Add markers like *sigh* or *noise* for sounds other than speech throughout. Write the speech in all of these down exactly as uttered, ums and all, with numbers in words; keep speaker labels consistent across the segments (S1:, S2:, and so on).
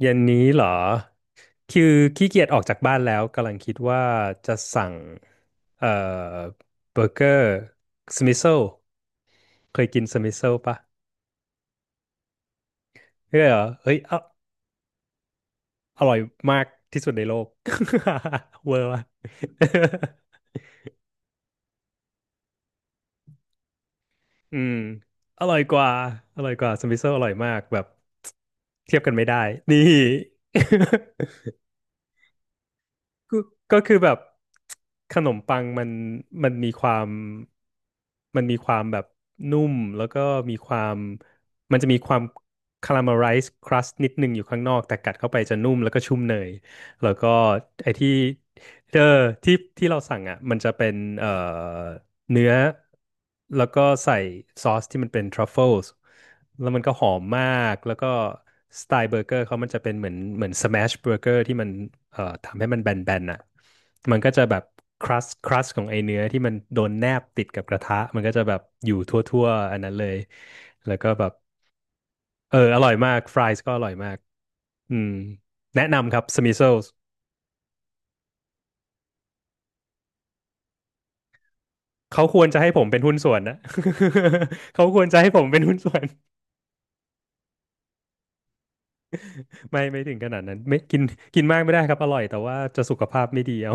S1: เย็นนี้เหรอ คือขี้เกียจออกจากบ้านแล้วกำลังคิดว่าจะสั่งเอ่อเบอร์เกอร์สมิโซ เคยกินสมิโซปะเฮ้ยเหรอเฮ้ยออร่อยมากที่สุดในโลก *laughs* เวอร์ว่ะ *laughs* อืมอร่อยกว่าอร่อยกว่าสมิโซอร่อยมากแบบเทียบกันไม่ได้นี่ *laughs* ก็ก็คือแบบขนมปังมันมันมีความมันมีความแบบนุ่มแล้วก็มีความมันจะมีความคาราเมลไรซ์ครัสนิดนึงอยู่ข้างนอกแต่กัดเข้าไปจะนุ่มแล้วก็ชุ่มเนยแล้วก็ไอ้ที่ เออที่ที่เราสั่งอ่ะมันจะเป็นเอ่อเนื้อแล้วก็ใส่ซอสที่มันเป็นทรัฟเฟิลส์แล้วมันก็หอมมากแล้วก็สไตล์เบอร์เกอร์เขามันจะเป็นเหมือนเหมือนสแมชเบอร์เกอร์ที่มันเอ่อทำให้มันแบนๆอ่ะมันก็จะแบบครัสครัสของไอเนื้อที่มันโดนแนบติดกับกระทะมันก็จะแบบอยู่ทั่วๆอันนั้นเลยแล้วก็แบบเอออร่อยมากฟรายส์ก็อร่อยมากอืมแนะนำครับสมิโซ เขาควรจะให้ผมเป็นหุ้นส่วนนะ *laughs* เขาควรจะให้ผมเป็นหุ้นส่วน *laughs* ไม่ไม่ถึงขนาดนั้นไม่กินกินมากไม่ได้ครับอร่อยแต่ว่าจะสุขภาพไม่ดีเอา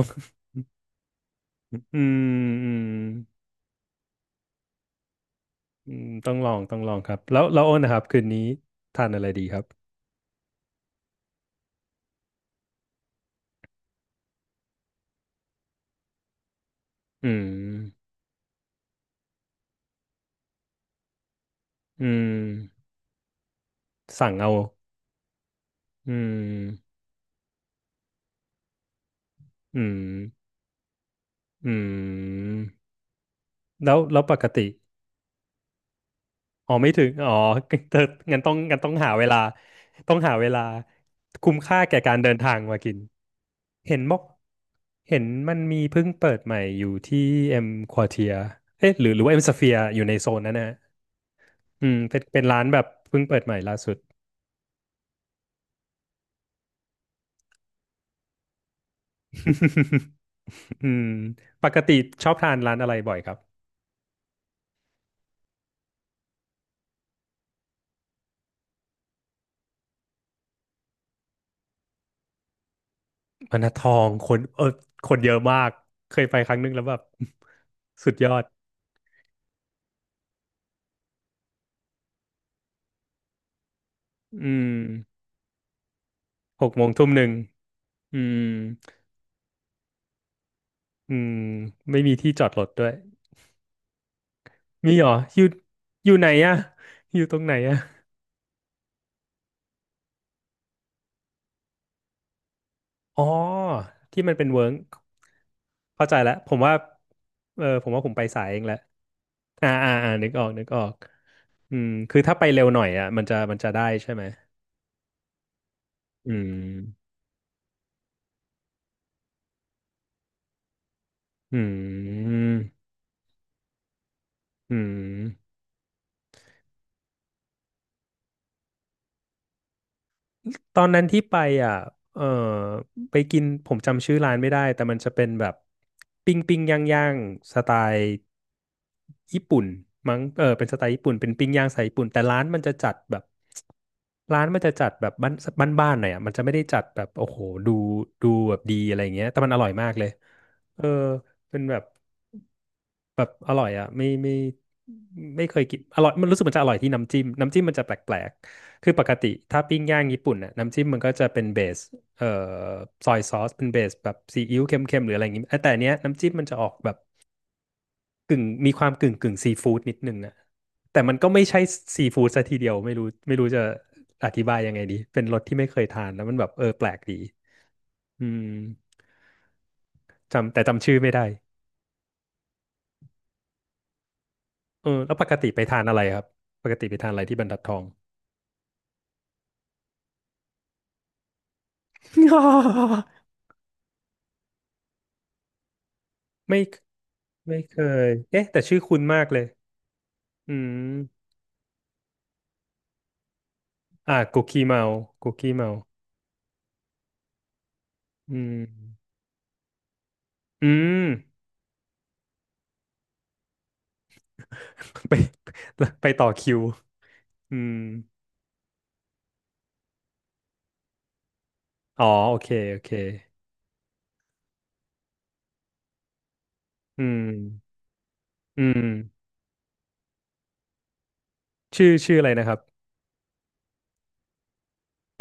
S1: *laughs* อืมอืมอืมต้องลองต้องลองครับแล้วแล้วโอ้นนะครับคืนนี้ทานอะไรดีครับอืมอืมสั่งเอาอืมอืมอืมแล้วแล้วปกติอ๋อไม่ถึงอ๋อ *laughs* เธองั้นต้องงั้นต้องหาเวลาต้องหาเวลาคุ้มค่าแก่การเดินทางมากิน เห็นมอกเห็นมันมีเพิ่งเปิดใหม่อยู่ที่เอ็มควอเทียเอ๊ะหรือหรือว่าเอ็มสเฟียอยู่ในโซนนั้นนะอืมเป็นเป็นร้านแบบเพิ่งเปิดใหม่ล่าสุด *laughs* อืมปกติชอบทานร้านอะไรบ่อยครับพนัททองคนเออคนเยอะมาก เคยไปครั้งนึงแล้วแบบ *laughs* สุดยอดอืมหกโมงทุ่มหนึ่งอืมอืมไม่มีที่จอดรถด้วย มีเหรออยู่อยู่ไหนอะอยู่ตรงไหนอะ อ๋อที่มันเป็นเวิร์กเข้าใจแล้วผมว่าเออผมว่าผมไปสายเองแหละอ่าอ่าอ่านึกออกนึกออกอืมคือถ้าไปเร็วหน่อยอ่ะมันจะมันจะได้ใช่ไหมอืมอืมอืม ตอนนั้นที่ไปอ่ะเออไปกินผมจำชื่อร้านไม่ได้แต่มันจะเป็นแบบปิ้งปิ้งย่างย่างสไตล์ญี่ปุ่นมั้งเออเป็นสไตล์ญี่ปุ่นเป็นปิ้งย่างสไตล์ญี่ปุ่นแต่ร้านมันจะจัดแบบร้านมันจะจัดแบบบ้านบ้านๆหน่อยอ่ะมันจะไม่ได้จัดแบบโอ้โหดูดูแบบดีอะไรอย่างเงี้ยแต่มันอร่อยมากเลยเออเป็นแบบ แบบอร่อยอ่ะไม่ไม่ไม่เคยกินอร่อยมันรู้สึกมันจะอร่อยที่น้ำจิ้มน้ำจิ้มมันจะแปลกๆคือปกติถ้าปิ้งย่างญี่ปุ่นน่ะน้ำจิ้มมันก็จะเป็นเบสเอ่อซอยซอสเป็นเบสแบบซีอิ๊วเค็มๆหรืออะไรอย่างงี้เอ้ยแต่อันเนี้ยน้ำจิ้มมันจะออกแบบกึ่งมีความกึ่งกึ่งซีฟู้ดนิดนึงอ่ะแต่มันก็ไม่ใช่ซีฟู้ดซะทีเดียวไม่รู้ไม่รู้จะอธิบายยังไงดีเป็นรสที่ไม่เคยทานแล้วมันแบบเออแปลกดีอืมจำแต่จำชื่อไม่ได้เออแล้วปกติไปทานอะไรครับปกติไปทานอะไรที่บรรทัดทอง *laughs* ไม่ไม่เคยเอ๊ะแต่ชื่อคุ้นมากเลยอืมอ่ากุกกี้เมากุกกี้เมาอืมอืม *laughs* ไปไปต่อคิวอืมอ๋อโอเคโอเคอืมอืมชื่อชื่ออะไรนะครับ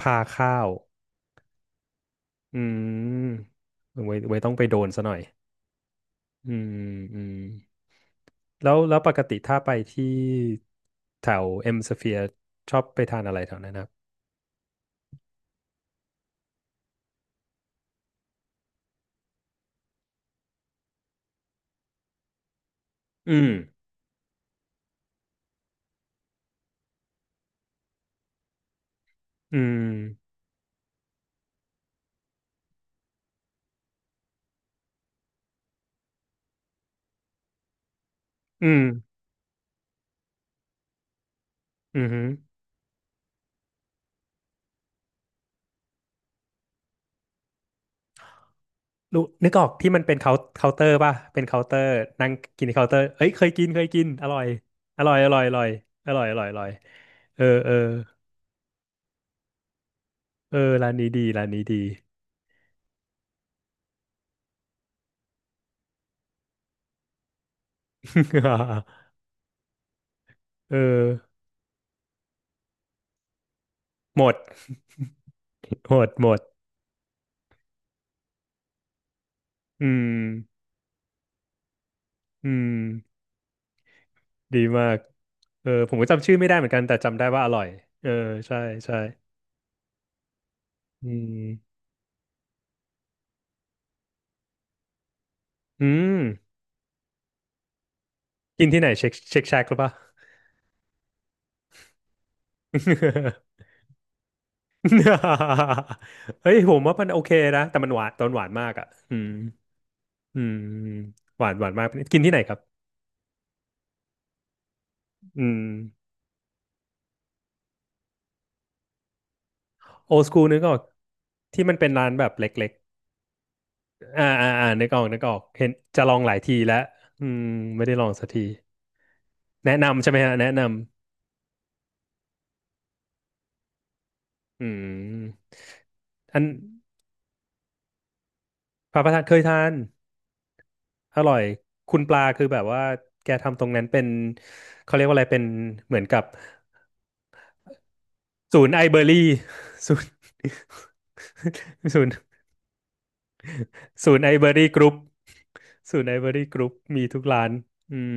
S1: พาข้าวอืมไว้ไว้ต้องไปโดนซะหน่อยอืมอืมแล้วแล้วปกติถ้าไปที่แถวเอ็มสเฟียชอบไปทานอะไรแถวนั้นนะครับอืมอืมอืม อือหือรู้นึกออกที่มันเป็นเคาน์เคาน์เตอร์ป่ะ เป็นเคาน์เตอร์นั่งกินเคาน์เตอร์เอ้ยเคยกินเคยกินอร่อยอร่อยอร่อยอร่อยอร่อยอร่อยอร่อยเออเออเออร้านนี้ดีร้านนี้ดี *laughs* เออหมด *laughs* หมดหมดอืมอืมดีมากเออผมก็จำชื่อไม่ได้เหมือนกันแต่จำได้ว่าอร่อยเออใช่ใช่อืมอืมกินที่ไหนเช็คเช็คแชกหรือเปล่า *laughs* *laughs* เฮ้ยผมว่ามันโอเคนะแต่มันหวานตอนหวานมากอ่ะอืมอืมหวานหวานมากกินที่ไหนครับอืมโอสกูนึกออกที่มันเป็นร้านแบบเล็กๆอ่าอ่าอ่านึกออกนึกออกเห็นจะลองหลายทีแล้วอืมไม่ได้ลองสักทีแนะนำใช่ไหมฮะแนะนำอืมอันปลาประทานเคยทานอร่อยคุณปลาคือแบบว่าแกทำตรงนั้นเป็นเขาเรียกว่าอะไรเป็นเหมือนกับ ศูนย์ไอเบอรี่ศูนย์ *laughs* ศูนย์ศูนย์ไอเบอรี่กรุ๊ปศูนย์ไอเบอรี่กรุ๊ปมีทุกร้านอืม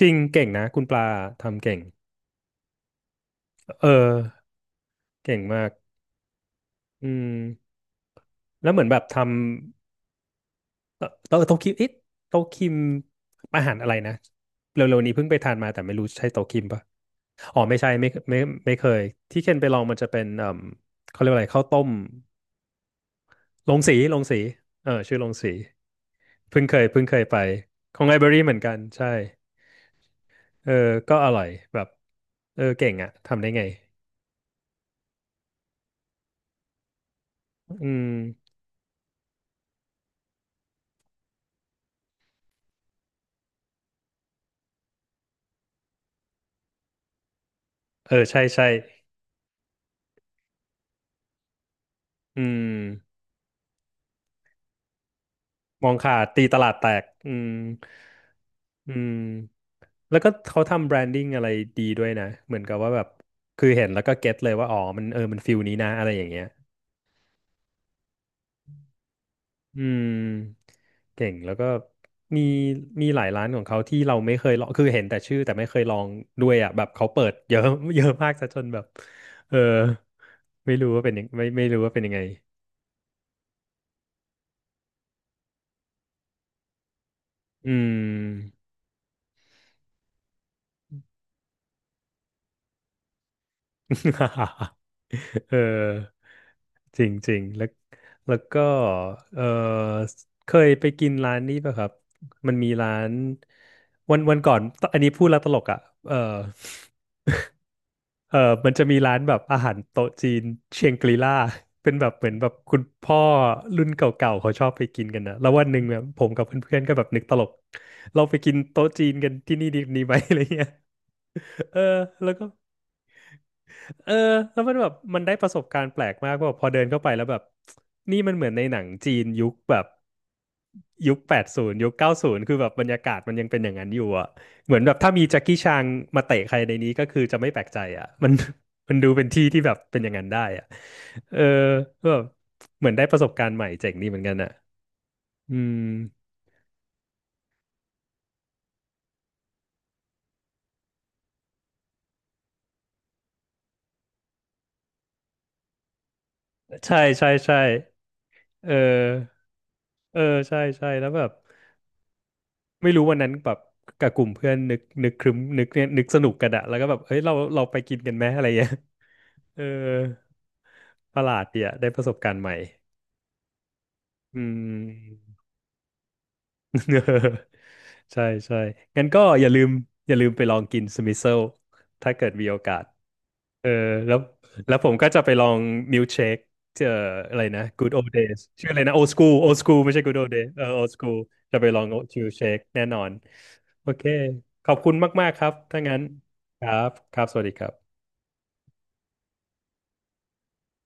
S1: จริงเก่งนะคุณปลาทำเก่งเออเก่งมากอืมแล้วเหมือนแบบทำเอ่อโต๊ะโต๊ะคิมเอ๊ะโต๊ะคิมอาหารอะไรนะเร็วๆนี้เพิ่งไปทานมาแต่ไม่รู้ใช่โต๊ะคิมปะอ๋อไม่ใช่ไม่ไม่ไม่เคยที่เคนไปลองมันจะเป็นเอ่อเขาเรียกว่าอะไรข้าวต้มลงสีลงสีเออชื่อลงสี เพิ่งเคยเพิ่งเคยไปของไลบรารีเหมือนกันใช่เออก็อร่อยแบบเออเก่งอะทำได้ไงอืมเออใช่ใช่อืมมองขาดตีตลาดแตกอืมอืมแล้วก็เขาทำแบรนดิ้งอะไรดีด้วยนะเหมือนกับว่าแบบคือเห็นแล้วก็เก็ตเลยว่าอ๋อมันเออมันฟิลนี้นะอะไรอย่างเงี้ย อืมเก่งแล้วก็มีมีหลายร้านของเขาที่เราไม่เคยลองคือเห็นแต่ชื่อแต่ไม่เคยลองด้วยอ่ะแบบเขาเปิดเยอะเยอะมากซะจนแบบเออไม่รู้ว่าเป็นยังไม่ไม่รู้ว่าเป็นยังไงอืม *laughs* เออจริงจริงแล้วแล้วก็เออเคยไปกินร้านนี้ป่ะครับมันมีร้านวันวันก่อนอันนี้พูดแล้วตลกอ่ะเออ เออมันจะมีร้านแบบอาหารโต๊ะจีนเชียงกรีล่า *laughs* เป็นแบบเหมือนแบบคุณพ่อรุ่นเก่าๆเขาชอบไปกินกันนะแล้ววันหนึ่งเนี่ยผมกับเพื่อนๆก็แบบนึกตลกเราไปกินโต๊ะจีนกันที่นี่ดีดีไหม *laughs* อะไรเงี้ยเออแล้วก็ เออแล้วมันแบบมันได้ประสบการณ์แปลกมากว่าแบบพอเดินเข้าไปแล้วแบบนี่มันเหมือนในหนังจีนยุคแบบยุคแปดศูนย์ยุคเก้าศูนย์คือแบบบรรยากาศมันยังเป็นอย่างนั้นอยู่อ่ะเหมือนแบบถ้ามีแจ็คกี้ชางมาเตะใครในนี้ก็คือจะไม่แปลกใจอ่ะมัน *laughs* มันดูเป็นที่ที่แบบเป็นอย่างนั้นได้อ่ะเออแบบเหมือนได้ประสบการณ์ใหม่เจ๋งดีเหมือนกันอ่ะอืมใช่ใช่ใช่เออเออใช่ใช่แล้วแบบ ไม่รู้วันนั้นแบบกับกลุ่มเพื่อนนึกนึกครึ้มนึกเนี่ยนึกสนุกกันอะแล้วก็แบบเฮ้ยเราเราไปกินกันไหมอะไรเงี้ยเออประหลาดดีอะได้ประสบการณ์ใหม่อืม *laughs* ใช่ใช่งั้นก็อย่าลืมอย่าลืมไปลองกินสมิโซ อี ถ้าเกิดมีโอกาส เออแล้วแล้วผมก็จะไปลองมิลเชคเอ่ออะไรนะ Good Old Days ชื่ออะไรนะ โอลด์ สคูล โอลด์ สคูล ไม่ใช่ กู๊ด โอลด์ เดย์ส เออ โอลด์ สคูล จะไปลองชิลเชคแน่นอนโอเคขอบคุณมากๆครับถ้างั้นครับครับสวัสดีครับ